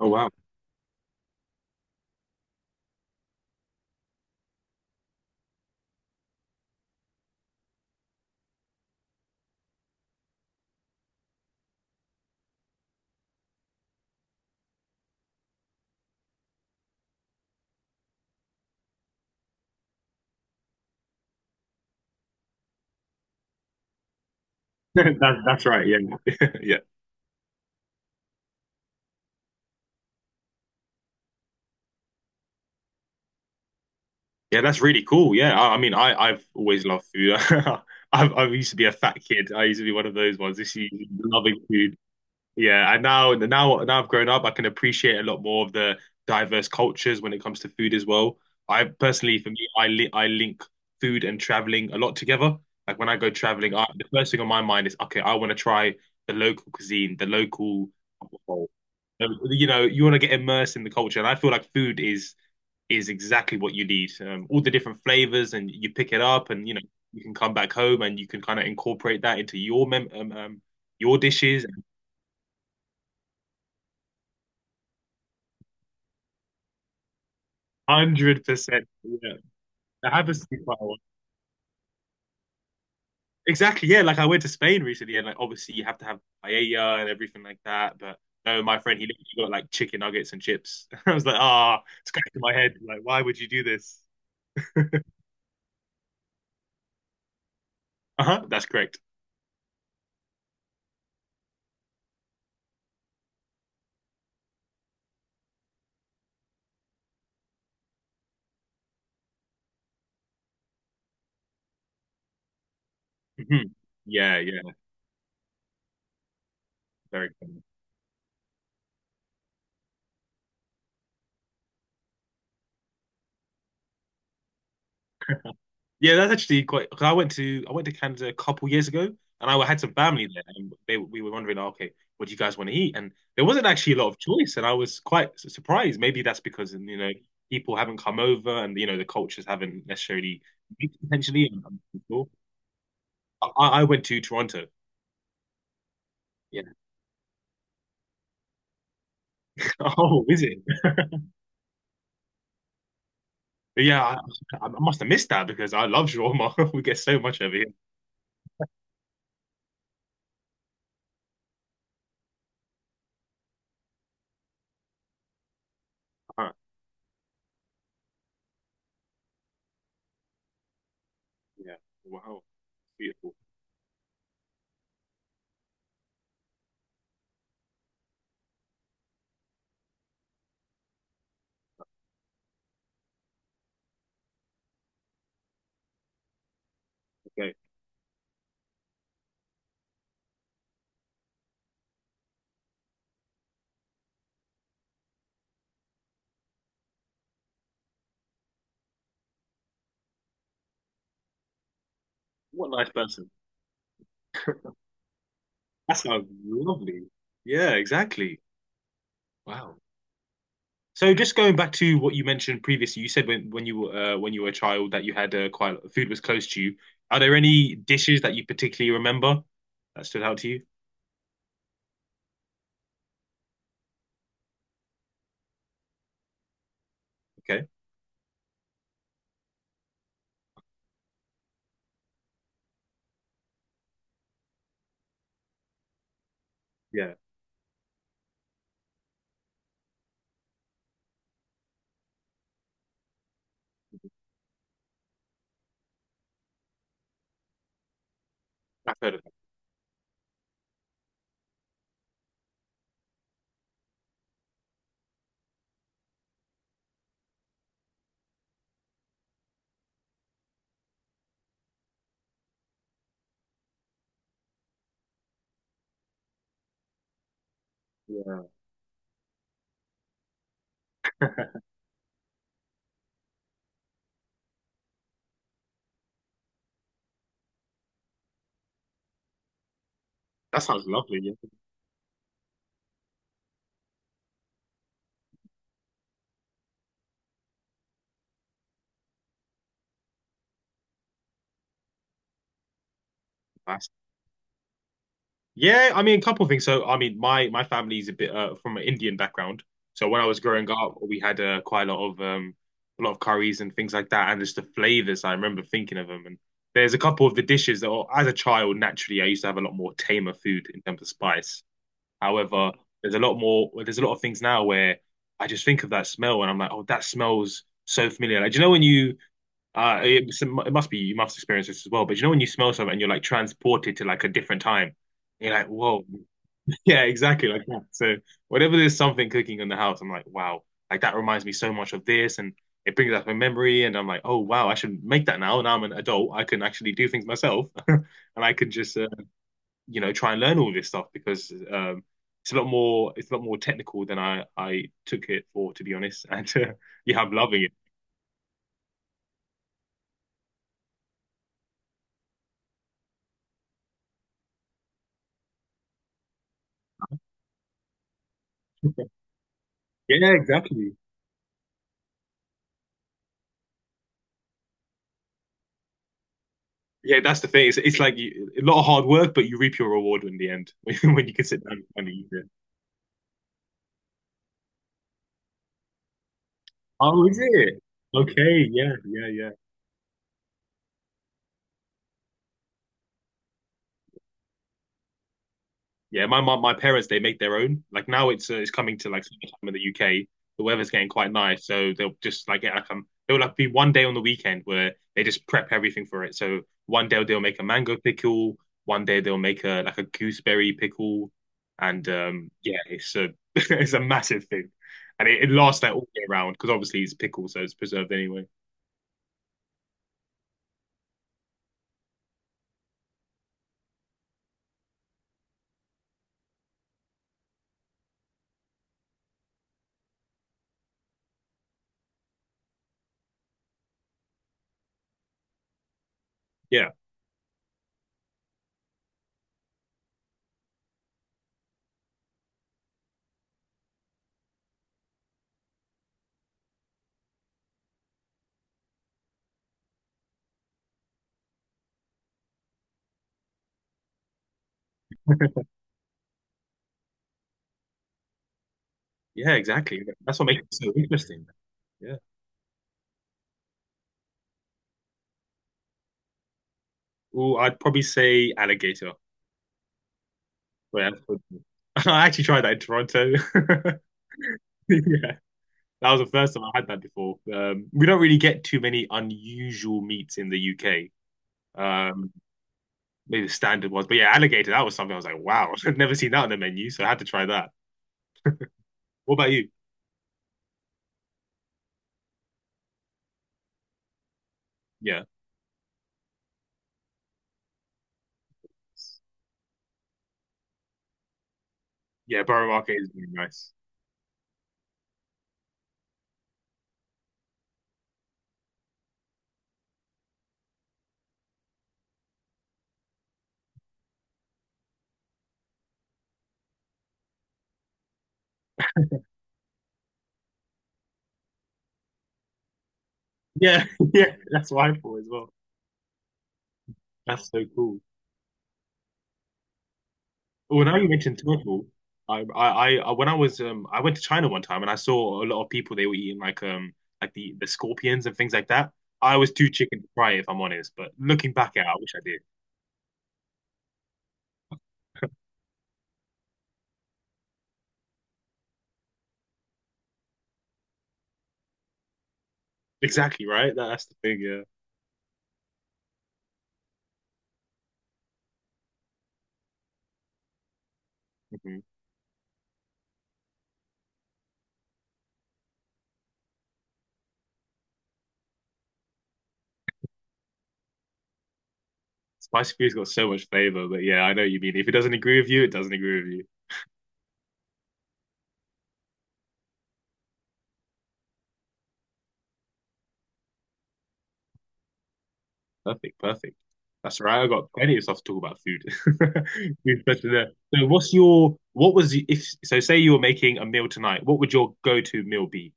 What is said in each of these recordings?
Oh wow. That's right. Yeah, yeah, yeah. That's really cool. Yeah, I mean, I've always loved food. I've I used to be a fat kid. I used to be one of those ones, just used to loving food. Yeah, and now I've grown up, I can appreciate a lot more of the diverse cultures when it comes to food as well. I personally, for me, I li I link food and traveling a lot together. Like when I go traveling, the first thing on my mind is okay, I want to try the local cuisine, the local, you know, you want to get immersed in the culture, and I feel like food is exactly what you need. All the different flavors, and you pick it up, and you know you can come back home and you can kind of incorporate that into your mem your dishes. 100%, yeah. That happens to me quite a lot. Exactly, yeah. Like I went to Spain recently, and like obviously you have to have paella and everything like that. But no, my friend, he literally got like chicken nuggets and chips. I was like, ah, it's scratching my head. Like, why would you do this? Uh-huh, that's correct. Hmm Yeah, yeah, very good. Yeah, that's actually quite, 'cause I went to Canada a couple years ago, and I had some family there, and they we were wondering, "Oh, okay, what do you guys want to eat?" And there wasn't actually a lot of choice, and I was quite surprised. Maybe that's because, you know, people haven't come over, and you know the cultures haven't necessarily mixed potentially. I'm not sure. I went to Toronto. Yeah. Oh, is it? But yeah, I must have missed that because I love shawarma. We get so much over here. Huh. Yeah. Wow. Beautiful. Okay. What a nice person. That sounds lovely. Yeah, exactly. Wow. So just going back to what you mentioned previously, you said when you were when you were a child that you had, quite, food was close to you. Are there any dishes that you particularly remember that stood out to you? Okay. Yeah, I've heard of that. Yeah, that sounds lovely. Yeah, yeah, I mean, a couple of things. So, I mean, my family's a bit, from an Indian background. So when I was growing up, we had, quite a lot of curries and things like that, and just the flavors. I remember thinking of them, and there's a couple of the dishes that, are- as a child, naturally, I used to have a lot more tamer food in terms of spice. However, there's a lot more. There's a lot of things now where I just think of that smell, and I'm like, oh, that smells so familiar. Like, do you know when you, it must be, you must experience this as well. But you know when you smell something and you're like transported to like a different time, you're like, whoa, yeah, exactly like that. So whenever there's something cooking in the house, I'm like, wow, like that reminds me so much of this, and it brings up a memory, and I'm like, oh wow, I should make that now. Now I'm an adult, I can actually do things myself, and I can just, you know, try and learn all this stuff because, it's a lot more, technical than I took it for, to be honest. And yeah, I'm loving it. Yeah, exactly. Yeah, that's the thing. It's like you, a lot of hard work, but you reap your reward in the end when you can sit down and finally eat it. Oh, is it? Okay, yeah, yeah, yeah. Yeah, my parents, they make their own. Like now it's, it's coming to like summertime in the UK. The weather's getting quite nice, so they'll just like get like there'll like be one day on the weekend where they just prep everything for it. So one day they'll make a mango pickle, one day they'll make a like a gooseberry pickle, and yeah, it's a, it's a massive thing, and it lasts like all year round because obviously it's pickle, so it's preserved anyway. Yeah, yeah, exactly. That's what makes it so interesting. Yeah. Well, I'd probably say alligator. Yeah, I actually tried that in Toronto. Yeah, that was the first time I had that before. We don't really get too many unusual meats in the UK. Um, maybe the standard ones, but yeah, alligator, that was something I was like, wow, I've never seen that on the menu, so I had to try that. What about you? Yeah, yeah, Borough Market is really nice. Yeah, yeah, that's what I thought as well. That's so cool. Well, now you mentioned turtle, I, I, when I was, I went to China one time and I saw a lot of people. They were eating like the scorpions and things like that. I was too chicken to try it, if I'm honest. But looking back at it, I wish I did. Exactly right. That's the thing. Yeah. hmm Spicy food's got so much flavor, but yeah, I know what you mean. If it doesn't agree with you, it doesn't agree with you. Perfect, perfect. That's right. I got plenty of stuff to talk about food. Food question there. So, what's your, what was the, if so? Say you were making a meal tonight. What would your go-to meal be?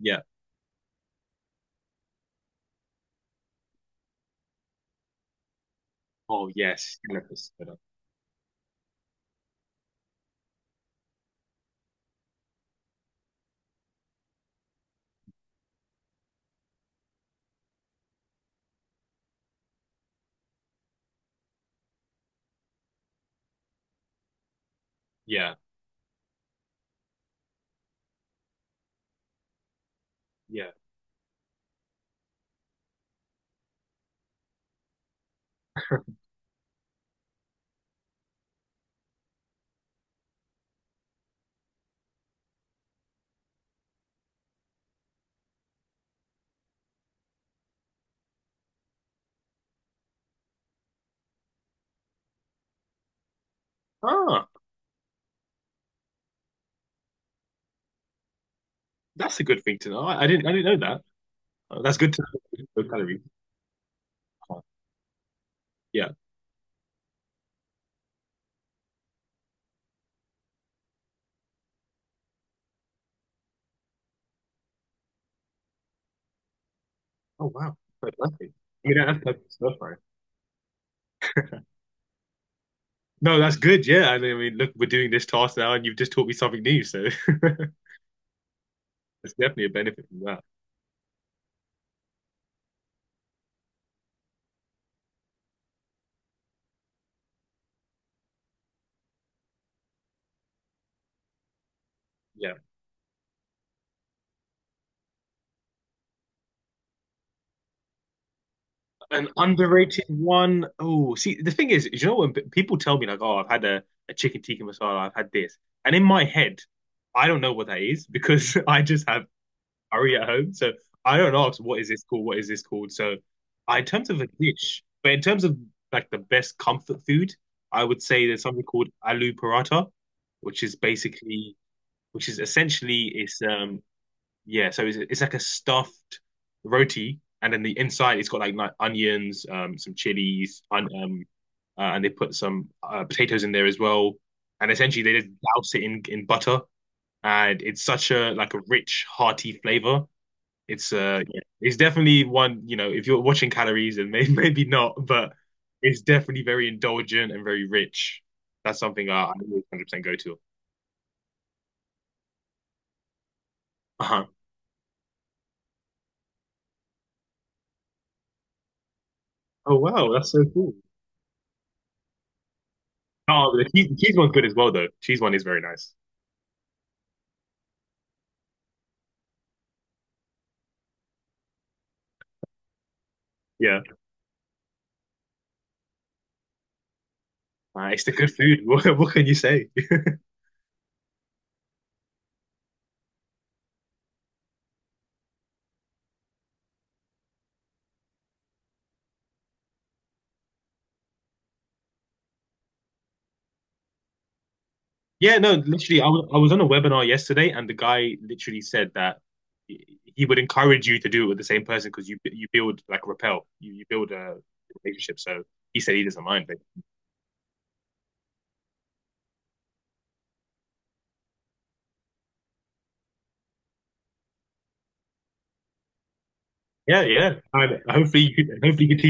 Yeah. Oh yes, Cannabis. Yeah, yeah. Ah, that's a good thing to know. I didn't know that. Oh, that's good to know. Low calorie. Oh, yeah. Oh wow. That's lovely. I mean, that's perfect stuff, right? No, that's good. Yeah, and I mean, look, we're doing this task now, and you've just taught me something new, so it's definitely a benefit from that. Yeah. An underrated one. Oh, see, the thing is, you know, when people tell me like, "Oh, I've had a chicken tikka masala, I've had this," and in my head, I don't know what that is because I just have curry at home. So I don't ask what is this called, what is this called. So I, in terms of a dish, but in terms of like the best comfort food, I would say there's something called aloo paratha, which is basically, which is essentially it's yeah, so it's like a stuffed roti, and then the inside it's got like onions, some chilies, and they put some, potatoes in there as well, and essentially they just douse it in butter, and it's such a like a rich, hearty flavor. It's, yeah, it's definitely one, you know, if you're watching calories and maybe maybe not, but it's definitely very indulgent and very rich. That's something I always 100% go to. Uh-huh. Oh wow, that's so cool. Oh, the cheese one's good as well though. Cheese one is very nice. Yeah, it's the good food. What can you say? Yeah, no, literally, I was on a webinar yesterday, and the guy literally said that he would encourage you to do it with the same person because you build like rappel, you build a relationship. So he said he doesn't mind. Yeah, yeah. And hopefully, you could teach.